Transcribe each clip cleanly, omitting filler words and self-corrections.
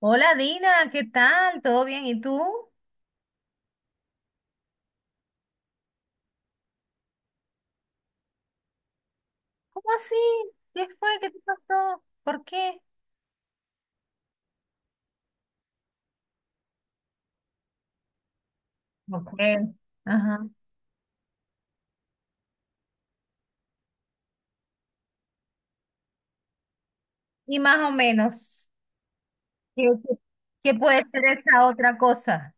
Hola Dina, ¿qué tal? ¿Todo bien? ¿Y tú? ¿Cómo así? ¿Qué fue? ¿Qué te pasó? ¿Por qué? No creo. Ajá. Y más o menos, ¿qué, qué puede ser esa otra cosa?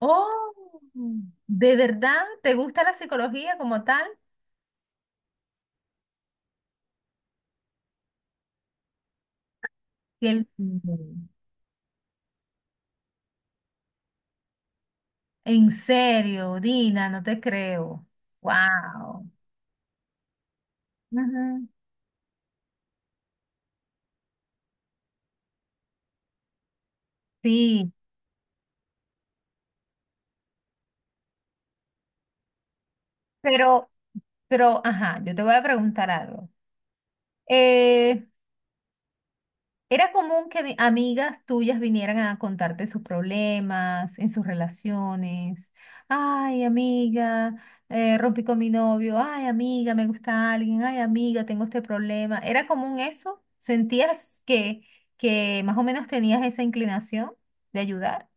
Oh, ¿de verdad? ¿Te gusta la psicología como tal? Qué lindo. En serio, Dina, no te creo. Wow. Sí, pero, pero, ajá, yo te voy a preguntar algo. Era común que amigas tuyas vinieran a contarte sus problemas en sus relaciones. Ay, amiga, rompí con mi novio. Ay, amiga, me gusta alguien. Ay, amiga, tengo este problema. ¿Era común eso? ¿Sentías que más o menos tenías esa inclinación de ayudar?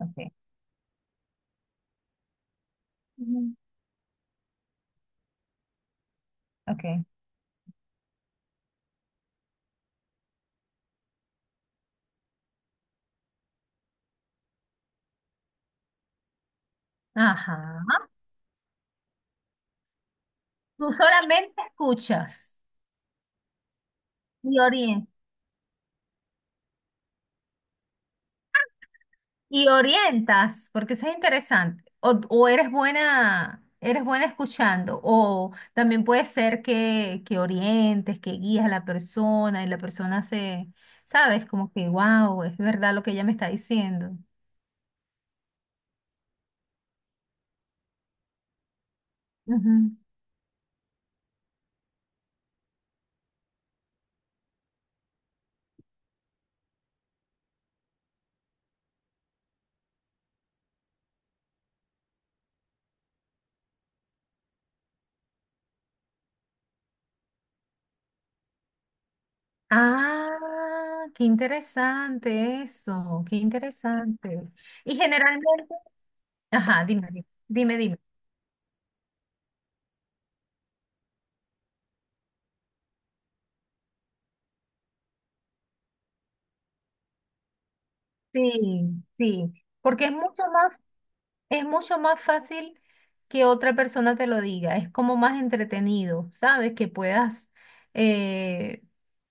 Okay. Ujú. Okay. Ajá. Tú solamente escuchas y orientas. Y orientas, porque eso es interesante. O eres buena escuchando, o también puede ser que orientes, que guías a la persona y la persona se, sabes, como que, wow, es verdad lo que ella me está diciendo. Ujú. Ah, qué interesante eso, qué interesante. Y generalmente, ajá, dime, dime, dime. Sí, sí, porque es mucho más. Es mucho más fácil que otra persona te lo diga, es como más entretenido, ¿sabes? Que puedas eh,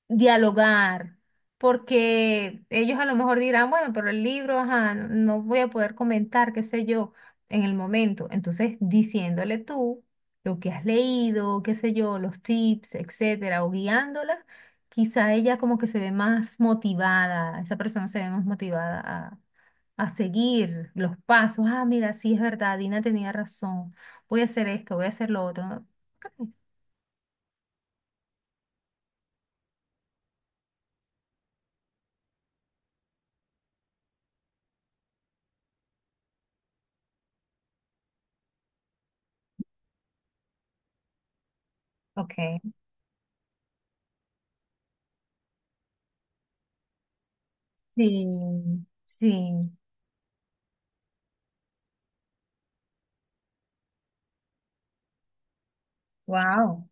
dialogar, porque ellos a lo mejor dirán, bueno, pero el libro, ajá, no voy a poder comentar, qué sé yo, en el momento. Entonces, diciéndole tú lo que has leído, qué sé yo, los tips, etcétera, o guiándola, quizá ella como que se ve más motivada, esa persona se ve más motivada a seguir los pasos. Ah, mira, sí es verdad, Dina tenía razón. Voy a hacer esto, voy a hacer lo otro. ¿No crees? Ok, sí, sí, wow.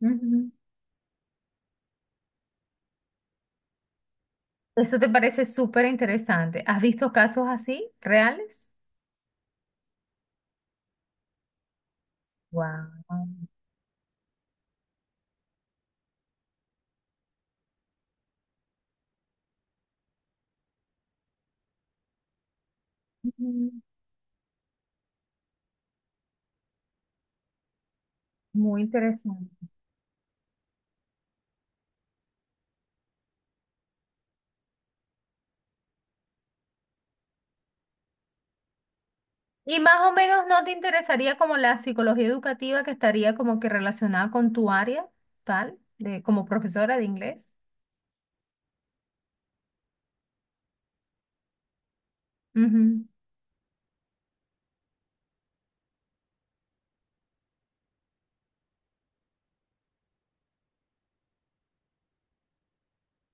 Ujú. Eso te parece súper interesante. ¿Has visto casos así, reales? Wow. Muy interesante. Y más o menos no te interesaría como la psicología educativa que estaría como que relacionada con tu área, tal, de, como profesora de inglés. Ujú.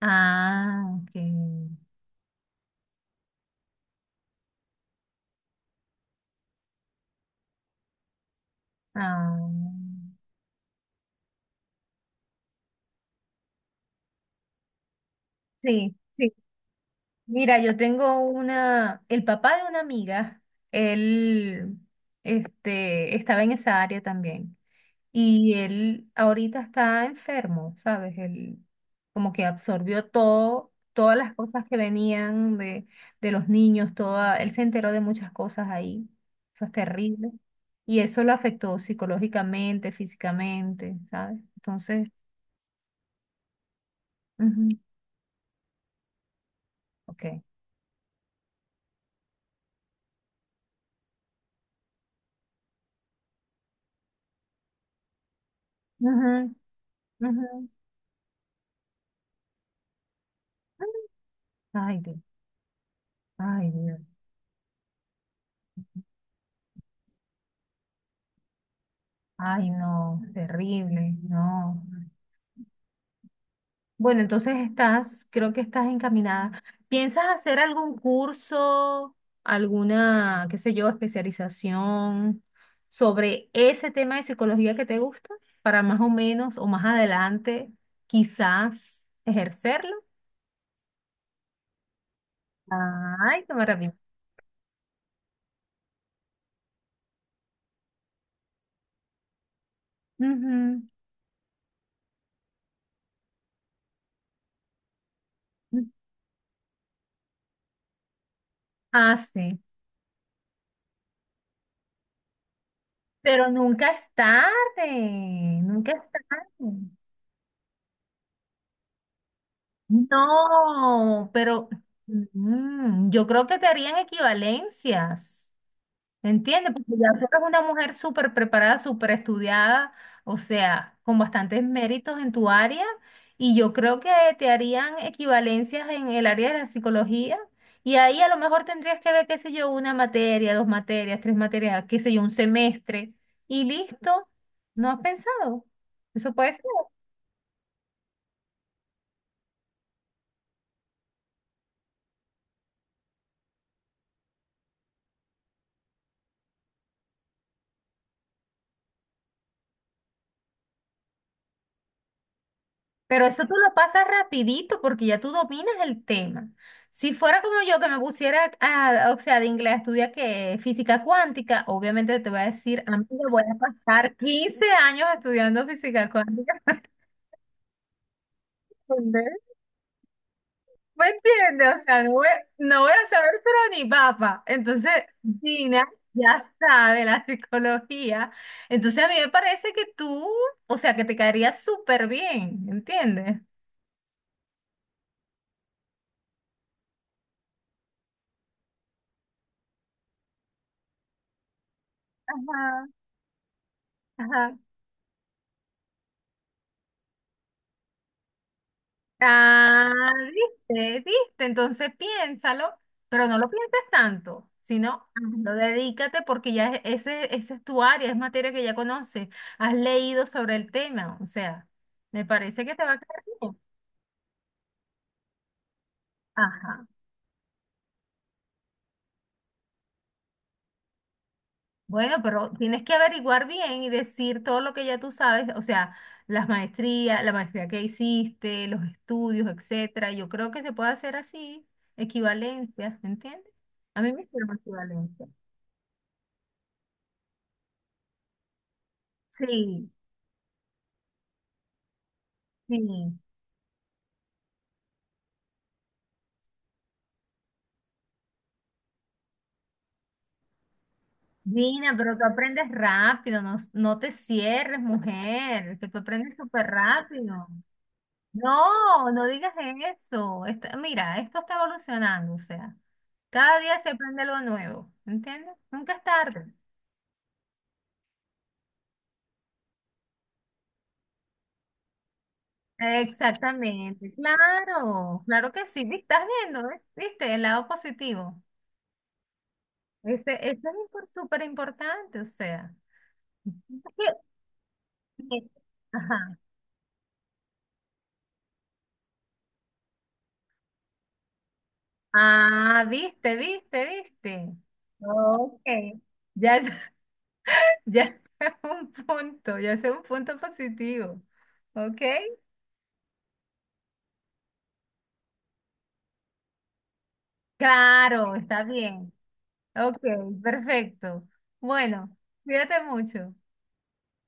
Ah, ok. Ah, sí, sí. Mira, yo tengo una, el papá de una amiga, él, este, estaba en esa área también. Y él ahorita está enfermo, ¿sabes? Él como que absorbió todo, todas las cosas que venían de los niños, toda, él se enteró de muchas cosas ahí, cosas terribles. Y eso lo afectó psicológicamente, físicamente, ¿sabes? Entonces, ujú, ok. Ujú, ujú. Ay, Dios. Ay, Dios. Ay, no, terrible, no. Bueno, entonces estás, creo que estás encaminada. ¿Piensas hacer algún curso, alguna, qué sé yo, especialización sobre ese tema de psicología que te gusta para más o menos o más adelante quizás ejercerlo? Ay, qué maravilla. Ujú. Ah, sí. Pero nunca es tarde, nunca es tarde. No, pero mm, yo creo que te harían equivalencias, ¿entiendes? Porque ya tú eres una mujer súper preparada, súper estudiada, o sea, con bastantes méritos en tu área, y yo creo que te harían equivalencias en el área de la psicología, y ahí a lo mejor tendrías que ver, qué sé yo, una materia, dos materias, tres materias, qué sé yo, un semestre, y listo, ¿no has pensado? Eso puede ser. Pero eso tú lo pasas rapidito porque ya tú dominas el tema. Si fuera como yo que me pusiera, o sea, de inglés a estudiar que física cuántica, obviamente te voy a decir, amiga, voy a pasar 15 años estudiando física cuántica. ¿Entendés? ¿Me entiendes? O sea, no voy a saber, pero ni papa. Entonces, Dina ya sabe la psicología. Entonces, a mí me parece que tú, o sea, que te caería súper bien, ¿entiendes? Ajá, ajá. Ah, viste, viste, entonces piénsalo, pero no lo pienses tanto, sino lo dedícate porque ya ese, esa es tu área, es materia que ya conoces, has leído sobre el tema, o sea, me parece que te va a quedar bien. Ajá. Bueno, pero tienes que averiguar bien y decir todo lo que ya tú sabes, o sea, las maestrías, la maestría que hiciste, los estudios, etcétera. Yo creo que se puede hacer así, equivalencias, ¿entiendes? A mí me hicieron equivalencias. Sí. Sí. Mira, pero tú aprendes rápido, no, no te cierres, mujer, que tú aprendes súper rápido. No, no digas eso. Mira, esto está evolucionando, o sea, cada día se aprende algo nuevo, ¿entiendes? Nunca es tarde. Exactamente, claro, claro que sí, estás viendo, ¿ves? ¿Viste? El lado positivo. Ese es súper importante, o sea. es que- que- Ajá. Ah, viste, viste, viste. Ok. Ya es, ya es un punto, ya es un punto positivo. Ok. Claro, está bien. Ok, perfecto. Bueno, cuídate mucho.